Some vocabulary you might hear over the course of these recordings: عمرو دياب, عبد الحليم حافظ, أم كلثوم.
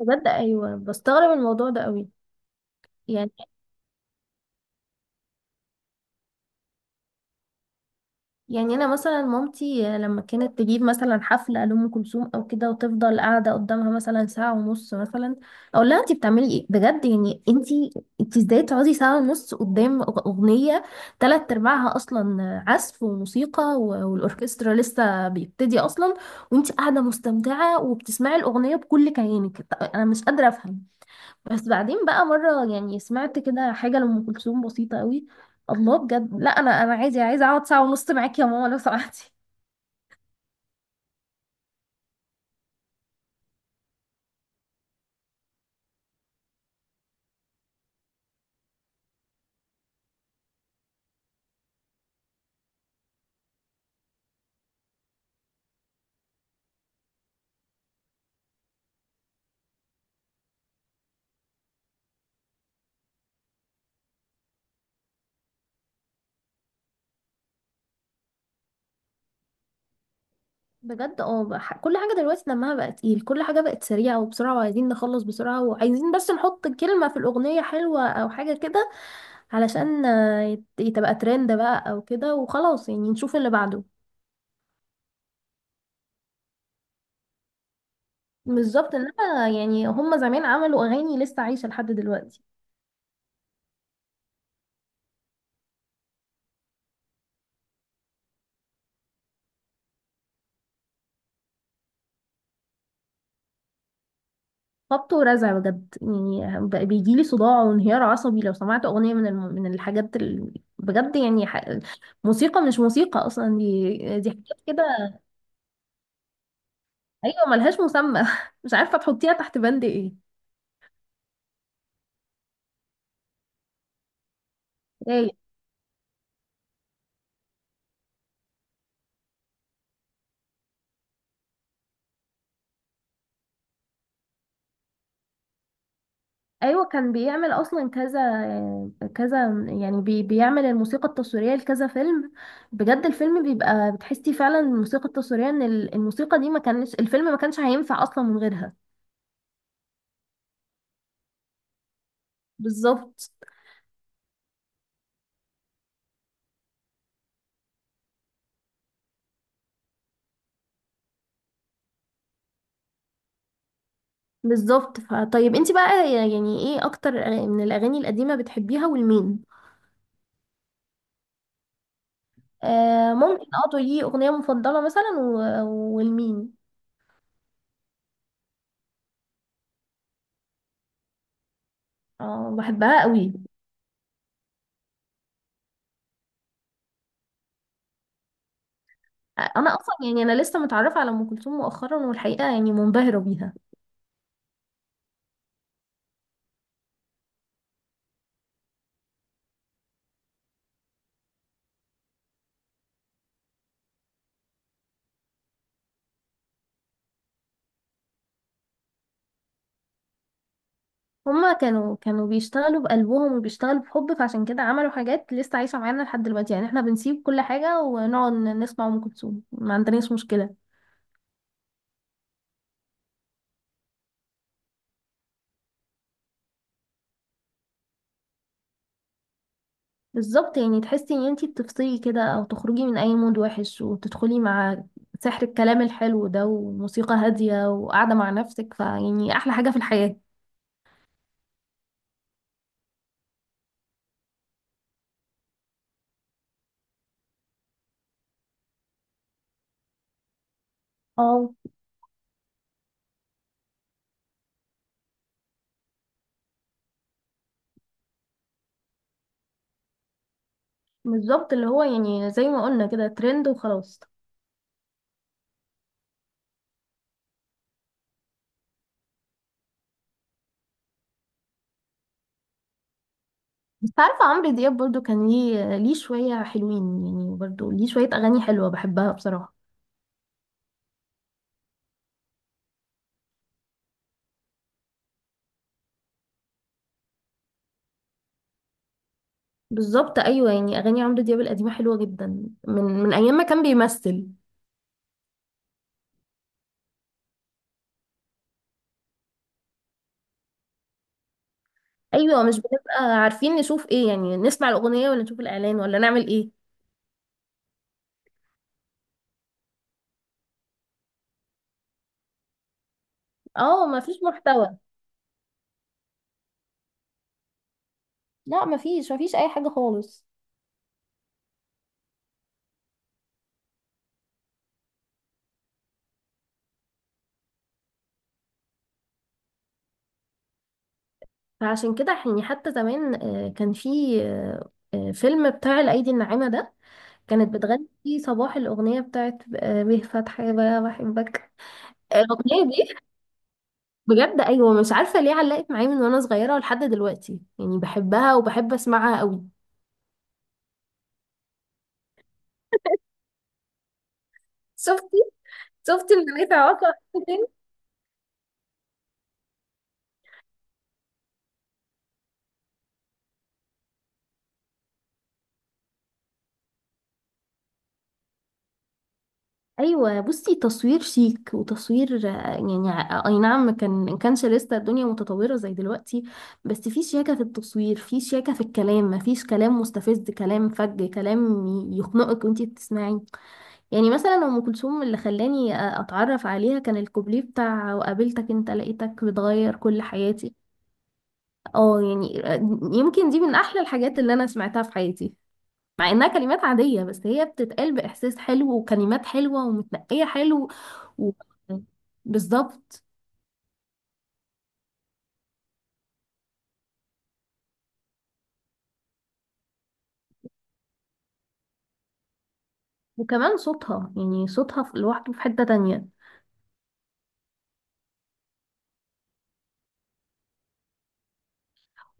بجد ايوه، بستغرب الموضوع ده قوي. يعني يعني انا مثلا مامتي لما كانت تجيب مثلا حفله لام كلثوم او كده وتفضل قاعده قدامها مثلا ساعه ونص مثلا، اقول لها انت بتعملي ايه بجد؟ يعني انت ازاي تقعدي ساعه ونص قدام اغنيه تلات ارباعها اصلا عزف وموسيقى والاوركسترا لسه بيبتدي اصلا، وانت قاعده مستمتعه وبتسمعي الاغنيه بكل كيانك. انا مش قادره افهم. بس بعدين بقى مرة يعني سمعت كده حاجة لأم كلثوم بسيطة قوي، الله بجد. لا، أنا عايزة أقعد ساعة ونص معاكي يا ماما لو سمحتي. بجد اه، كل حاجة دلوقتي دمها بقى تقيل، كل حاجة بقت سريعة وبسرعة وعايزين نخلص بسرعة وعايزين بس نحط كلمة في الأغنية حلوة أو حاجة كده، علشان تبقى ترند بقى أو كده وخلاص، يعني نشوف اللي بعده. بالظبط، إنما يعني هما زمان عملوا أغاني لسه عايشة لحد دلوقتي. خبط ورزع بجد، يعني بقى بيجيلي صداع وانهيار عصبي لو سمعت اغنيه من الم... من الحاجات ال... بجد يعني ح... موسيقى مش موسيقى اصلا، دي حاجات كده. ايوه، ملهاش مسمى مش عارفه تحطيها تحت بند ايه. ايه. ايوه، كان بيعمل اصلا كذا كذا، يعني بي... بيعمل الموسيقى التصويريه لكذا فيلم. بجد الفيلم بيبقى بتحسي فعلا الموسيقى التصويريه ان الموسيقى دي ما كانش الفيلم ما كانش هينفع اصلا من غيرها. بالظبط. بالظبط، فطيب انت بقى يعني ايه اكتر من الاغاني القديمه بتحبيها والمين؟ آه ممكن اه تقولي اغنيه مفضله مثلا والمين؟ اه بحبها قوي. انا اصلا يعني انا لسه متعرفه على ام كلثوم مؤخرا، والحقيقه يعني منبهره بيها. هما كانوا بيشتغلوا بقلبهم وبيشتغلوا بحب، فعشان كده عملوا حاجات لسه عايشه معانا لحد دلوقتي. يعني احنا بنسيب كل حاجه ونقعد نسمع ام كلثوم، ما عندناش مشكله. بالظبط، يعني تحسي ان انتي بتفصلي كده او تخرجي من اي مود وحش وتدخلي مع سحر الكلام الحلو ده وموسيقى هادية وقاعدة مع نفسك، فيعني احلى حاجة في الحياة. اه. بالظبط، اللي هو يعني زي ما قلنا كده ترند وخلاص. بس عارفة عمرو دياب برضو كان ليه شوية حلوين، يعني برضو ليه شوية أغاني حلوة بحبها بصراحة. بالظبط أيوة، يعني أغاني عمرو دياب القديمة حلوة جدا، من أيام ما كان بيمثل. أيوة، مش بنبقى عارفين نشوف إيه، يعني نسمع الأغنية ولا نشوف الإعلان ولا نعمل إيه. اه ما فيش محتوى، لا ما فيش ما فيش اي حاجه خالص. فعشان كده يعني حتى زمان كان في فيلم بتاع الايدي الناعمه ده، كانت بتغني فيه صباح الاغنيه بتاعت به فتحي بقى بحبك. الاغنيه دي بجد ايوه، مش عارفه ليه علقت معايا من وانا صغيره لحد دلوقتي، يعني بحبها وبحب اسمعها قوي. شفتي. شفتي المنافع واقع. ايوه بصي، تصوير شيك وتصوير يعني اي نعم، كان ما كانش لسه الدنيا متطوره زي دلوقتي، بس في شياكه في التصوير، في شياكه في الكلام، ما فيش كلام مستفز، كلام فج، كلام يخنقك وانتي بتسمعي. يعني مثلا ام كلثوم اللي خلاني اتعرف عليها كان الكوبليه بتاع وقابلتك، انت لقيتك بتغير كل حياتي. اه يعني آه، يمكن دي من احلى الحاجات اللي انا سمعتها في حياتي، مع انها كلمات عادية، بس هي بتتقال بإحساس حلو وكلمات حلوة ومتنقية حلو. و... بالظبط. وكمان صوتها، يعني صوتها لوحده في حتة تانية.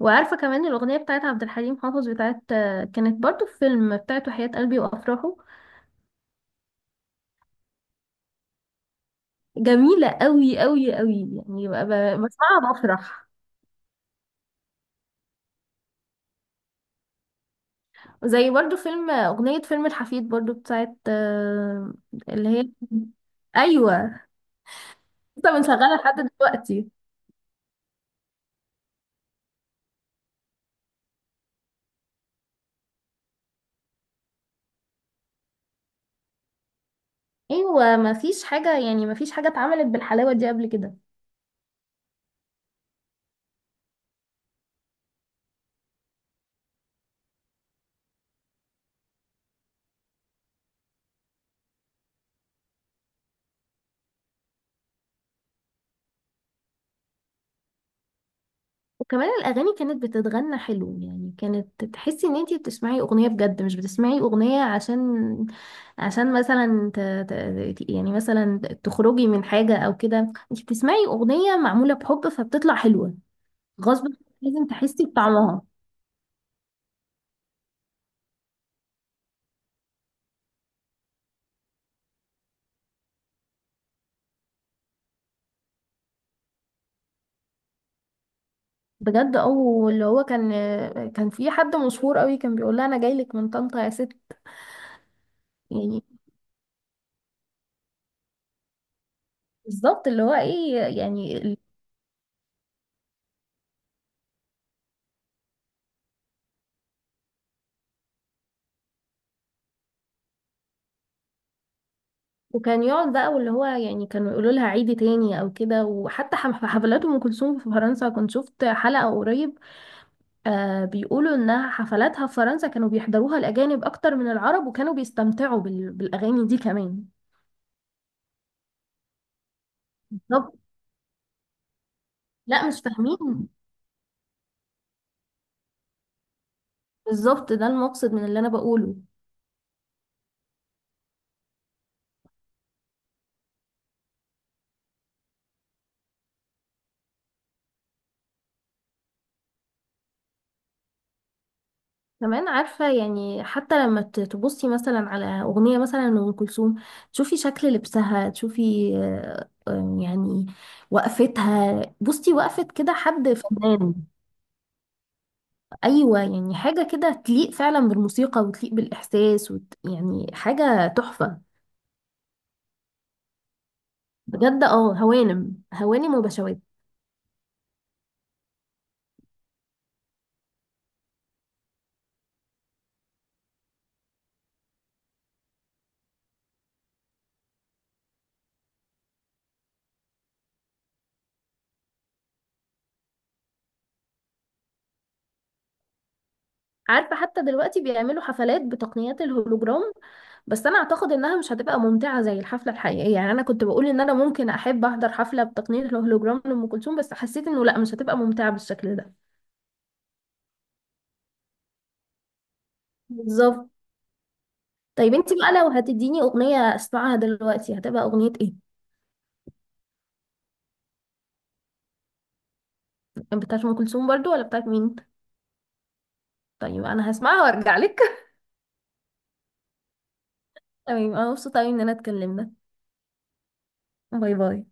وعارفة كمان الأغنية بتاعت عبد الحليم حافظ بتاعت آه، كانت برضو في فيلم بتاعت وحياة قلبي وأفراحه. جميلة قوي قوي قوي، يعني بسمعها بفرح. زي برضو فيلم أغنية فيلم الحفيد برضو بتاعت آه، اللي هي أيوة، لسه بنشغلها لحد دلوقتي. ايوه ما فيش حاجه، يعني ما فيش حاجه اتعملت بالحلاوه دي قبل كده. وكمان الاغاني كانت بتتغنى حلو، يعني كانت تحسي ان انتي بتسمعي اغنيه بجد، مش بتسمعي اغنيه عشان مثلا ت... ت... يعني مثلا تخرجي من حاجه او كده. انتي بتسمعي اغنيه معموله بحب فبتطلع حلوه، غصب عنك لازم تحسي بطعمها. بجد، او اللي هو كان في حد مشهور قوي كان بيقول لها انا جاي لك من طنطا يا ست. يعني بالظبط، اللي هو ايه يعني. وكان يقعد بقى واللي هو يعني كانوا يقولوا لها عيدي تاني او كده. وحتى في حفلات ام كلثوم في فرنسا كنت شفت حلقة قريب، آه بيقولوا انها حفلاتها في فرنسا كانوا بيحضروها الاجانب اكتر من العرب، وكانوا بيستمتعوا بال... بالاغاني دي كمان. بالظبط. لا مش فاهمين. بالظبط، ده المقصد من اللي انا بقوله. كمان عارفة، يعني حتى لما تبصي مثلا على أغنية مثلا لأم كلثوم تشوفي شكل لبسها، تشوفي يعني وقفتها، بصي وقفة كده حد فنان. أيوة يعني حاجة كده تليق فعلا بالموسيقى وتليق بالإحساس وت... يعني حاجة تحفة. بجد اه، هوانم هوانم وبشوات. عارفة حتى دلوقتي بيعملوا حفلات بتقنيات الهولوجرام، بس انا اعتقد انها مش هتبقى ممتعة زي الحفلة الحقيقية. يعني انا كنت بقول ان انا ممكن احب احضر حفلة بتقنية الهولوجرام لأم كلثوم، بس حسيت انه لا مش هتبقى ممتعة بالشكل ده. بالظبط. طيب انتي بقى لو هتديني اغنية اسمعها دلوقتي هتبقى اغنية ايه؟ بتاعت ام كلثوم برضو ولا بتاعت مين؟ طيب انا هسمعها وارجع لك. تمام، انا مبسوطة أوي ان انا اتكلمنا. باي باي.